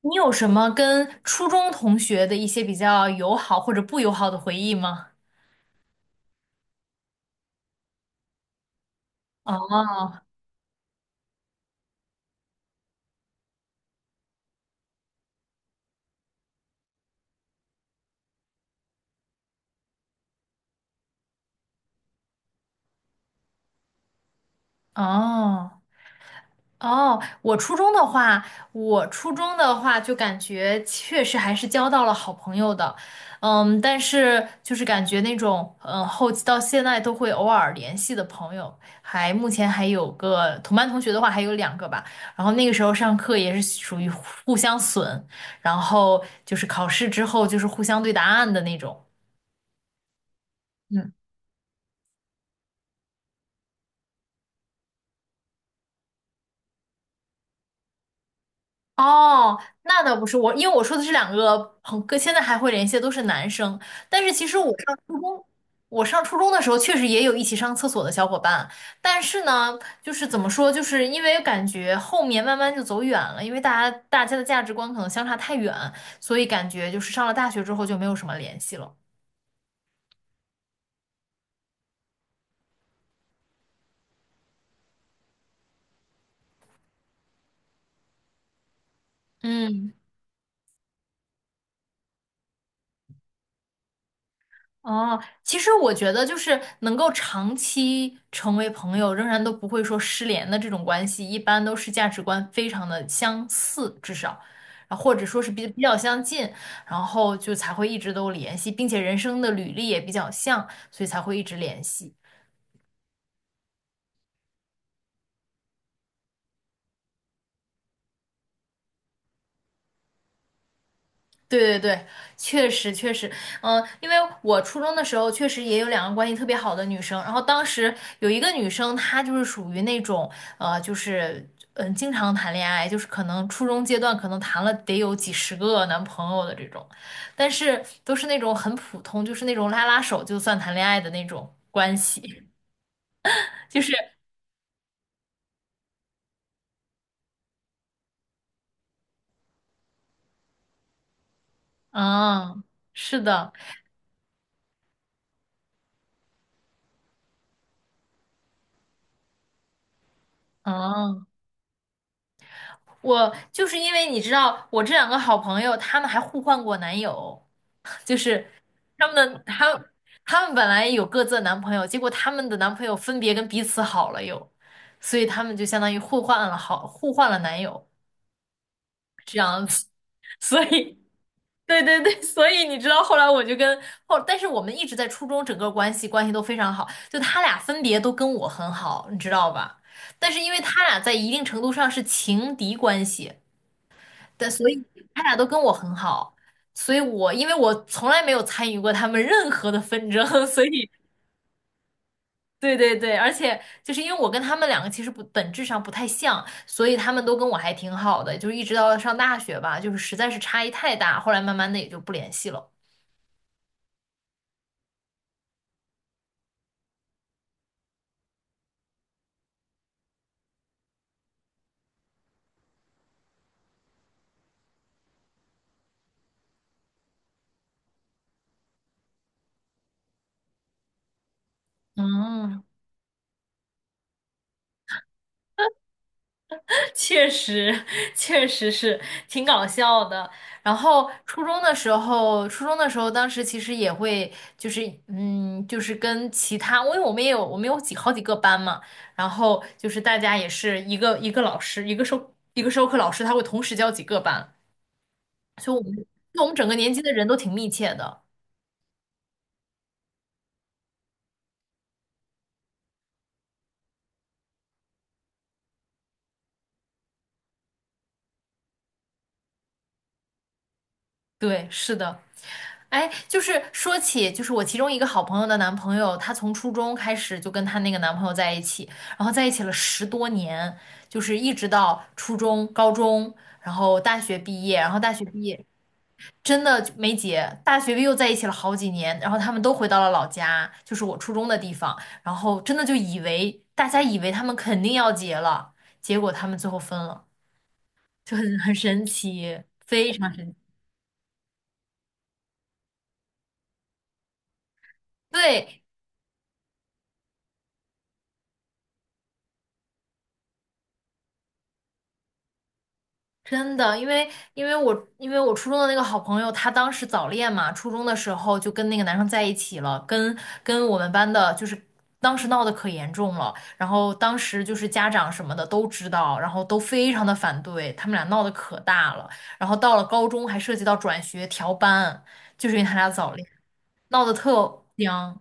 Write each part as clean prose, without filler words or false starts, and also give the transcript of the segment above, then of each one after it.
你有什么跟初中同学的一些比较友好或者不友好的回忆吗？哦哦哦，我初中的话，就感觉确实还是交到了好朋友的。嗯，但是就是感觉那种后期到现在都会偶尔联系的朋友，还目前还有个同班同学的话还有两个吧。然后那个时候上课也是属于互相损，然后就是考试之后就是互相对答案的那种。嗯。哦，那倒不是我，因为我说的是两个朋哥，现在还会联系的都是男生。但是其实我上初中，我上初中的时候确实也有一起上厕所的小伙伴，但是呢，就是怎么说，就是因为感觉后面慢慢就走远了，因为大家的价值观可能相差太远，所以感觉就是上了大学之后就没有什么联系了。嗯。哦，其实我觉得就是能够长期成为朋友，仍然都不会说失联的这种关系，一般都是价值观非常的相似，至少，啊，或者说是比较相近，然后就才会一直都联系，并且人生的履历也比较像，所以才会一直联系。对对对，确实确实，嗯，因为我初中的时候确实也有两个关系特别好的女生，然后当时有一个女生，她就是属于那种，就是经常谈恋爱，就是可能初中阶段可能谈了得有几十个男朋友的这种，但是都是那种很普通，就是那种拉拉手就算谈恋爱的那种关系，就是嗯，是的，嗯。我就是因为你知道，我这两个好朋友，他们还互换过男友，就是他们的他们他们本来有各自的男朋友，结果他们的男朋友分别跟彼此好了又，所以他们就相当于互换了互换了男友这样子，所以对对对。所以你知道后来我就，但是我们一直在初中整个关系都非常好，就他俩分别都跟我很好，你知道吧？但是因为他俩在一定程度上是情敌关系。但所以他俩都跟我很好，所以我因为我从来没有参与过他们任何的纷争，所以对对对。而且就是因为我跟他们两个其实不本质上不太像，所以他们都跟我还挺好的，就是一直到上大学吧，就是实在是差异太大，后来慢慢的也就不联系了。嗯，确实，确实是挺搞笑的。然后初中的时候，当时其实也会，就是嗯，就是跟其他，因为我们也有，我们有好几个班嘛，然后就是大家也是一个老师，一个授课老师，他会同时教几个班，所以我们，所以我们整个年级的人都挺密切的。对，是的。哎，就是说起，就是我其中一个好朋友的男朋友，他从初中开始就跟她那个男朋友在一起，然后在一起了十多年，就是一直到初中、高中，然后大学毕业，真的就没结，大学毕业又在一起了好几年，然后他们都回到了老家，就是我初中的地方，然后真的就以为他们肯定要结了，结果他们最后分了，就很神奇，非常。对，真的，因为因为我初中的那个好朋友，她当时早恋嘛，初中的时候就跟那个男生在一起了，跟我们班的，就是当时闹得可严重了，然后当时就是家长什么的都知道，然后都非常的反对，他们俩闹得可大了，然后到了高中还涉及到转学调班，就是因为他俩早恋，闹得特僵。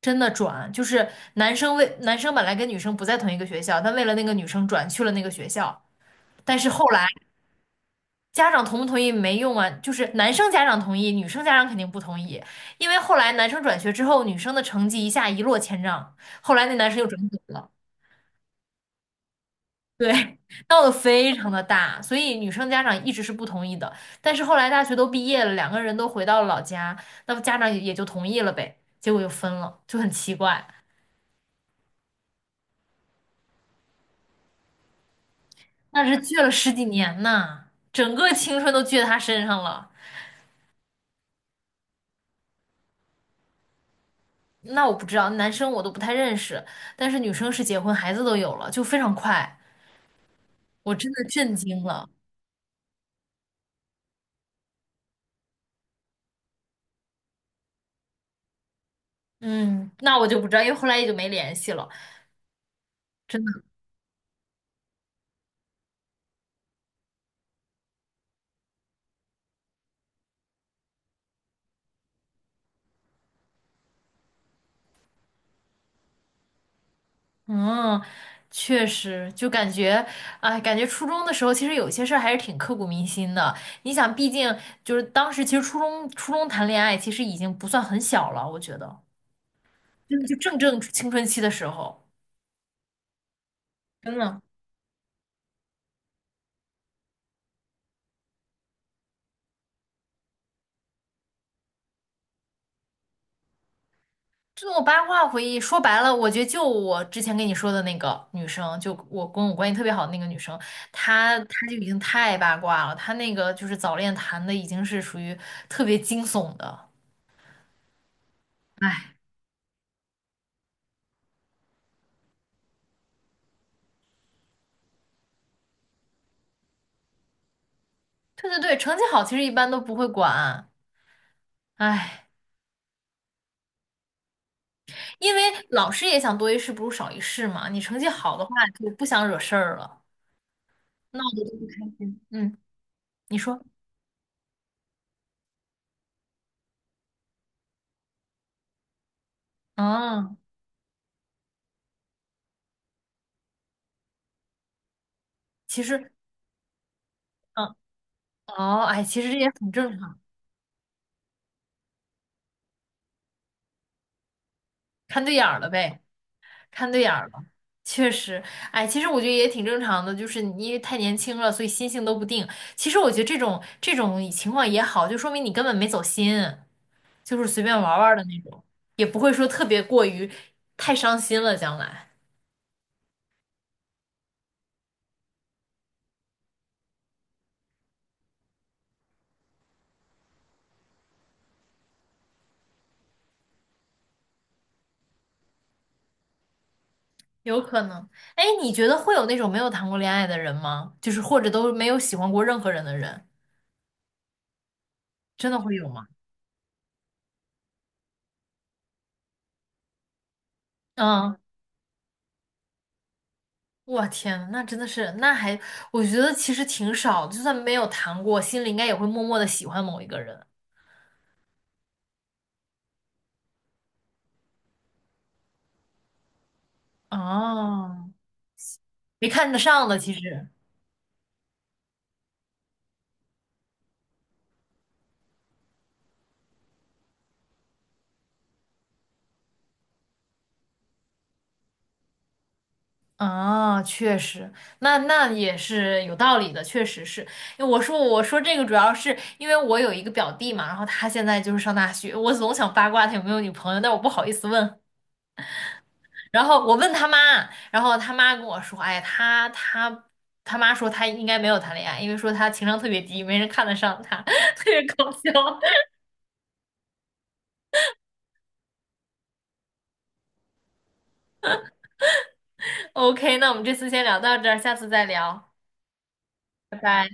真的转，就是男生本来跟女生不在同一个学校，但为了那个女生转去了那个学校。但是后来家长同不同意没用啊，就是男生家长同意，女生家长肯定不同意，因为后来男生转学之后，女生的成绩一下一落千丈，后来那男生又转走了。对，闹得非常的大，所以女生家长一直是不同意的，但是后来大学都毕业了，两个人都回到了老家，那么家长也也就同意了呗，结果又分了，就很奇怪，那是倔了十几年呐，整个青春都倔他身上了。那我不知道，男生我都不太认识，但是女生是结婚，孩子都有了，就非常快。我真的震惊了。嗯，那我就不知道，因为后来也就没联系了。真的，嗯，确实，就感觉，哎，感觉初中的时候，其实有些事儿还是挺刻骨铭心的。你想，毕竟就是当时，其实初中谈恋爱，其实已经不算很小了，我觉得，真的就正青春期的时候，真的。这种八卦回忆，说白了，我觉得就我之前跟你说的那个女生，就我跟我关系特别好的那个女生，她就已经太八卦了，她那个就是早恋谈的已经是属于特别惊悚的。哎，对对对，成绩好其实一般都不会管，哎，因为老师也想多一事不如少一事嘛，你成绩好的话就不想惹事儿了，闹得就不开嗯，你说，嗯，其实，嗯，哦，哎，其实这也很正常，看对眼儿了呗。看对眼儿了，确实。哎，其实我觉得也挺正常的，就是你因为太年轻了，所以心性都不定。其实我觉得这种情况也好，就说明你根本没走心，就是随便玩儿玩儿的那种，也不会说特别过于太伤心了，将来有可能。哎，你觉得会有那种没有谈过恋爱的人吗？就是或者都没有喜欢过任何人的人，真的会有吗？嗯，我天呐那真的是，那还，我觉得其实挺少，就算没有谈过，心里应该也会默默的喜欢某一个人。哦，没看得上的其实。啊，确实，那那也是有道理的，确实是。因为我说这个主要是因为我有一个表弟嘛，然后他现在就是上大学，我总想八卦他有没有女朋友，但我不好意思问。然后我问他妈，然后他妈跟我说，哎，他他妈说他应该没有谈恋爱，因为说他情商特别低，没人看得上他，特别搞笑。OK，那我们这次先聊到这儿，下次再聊，拜拜。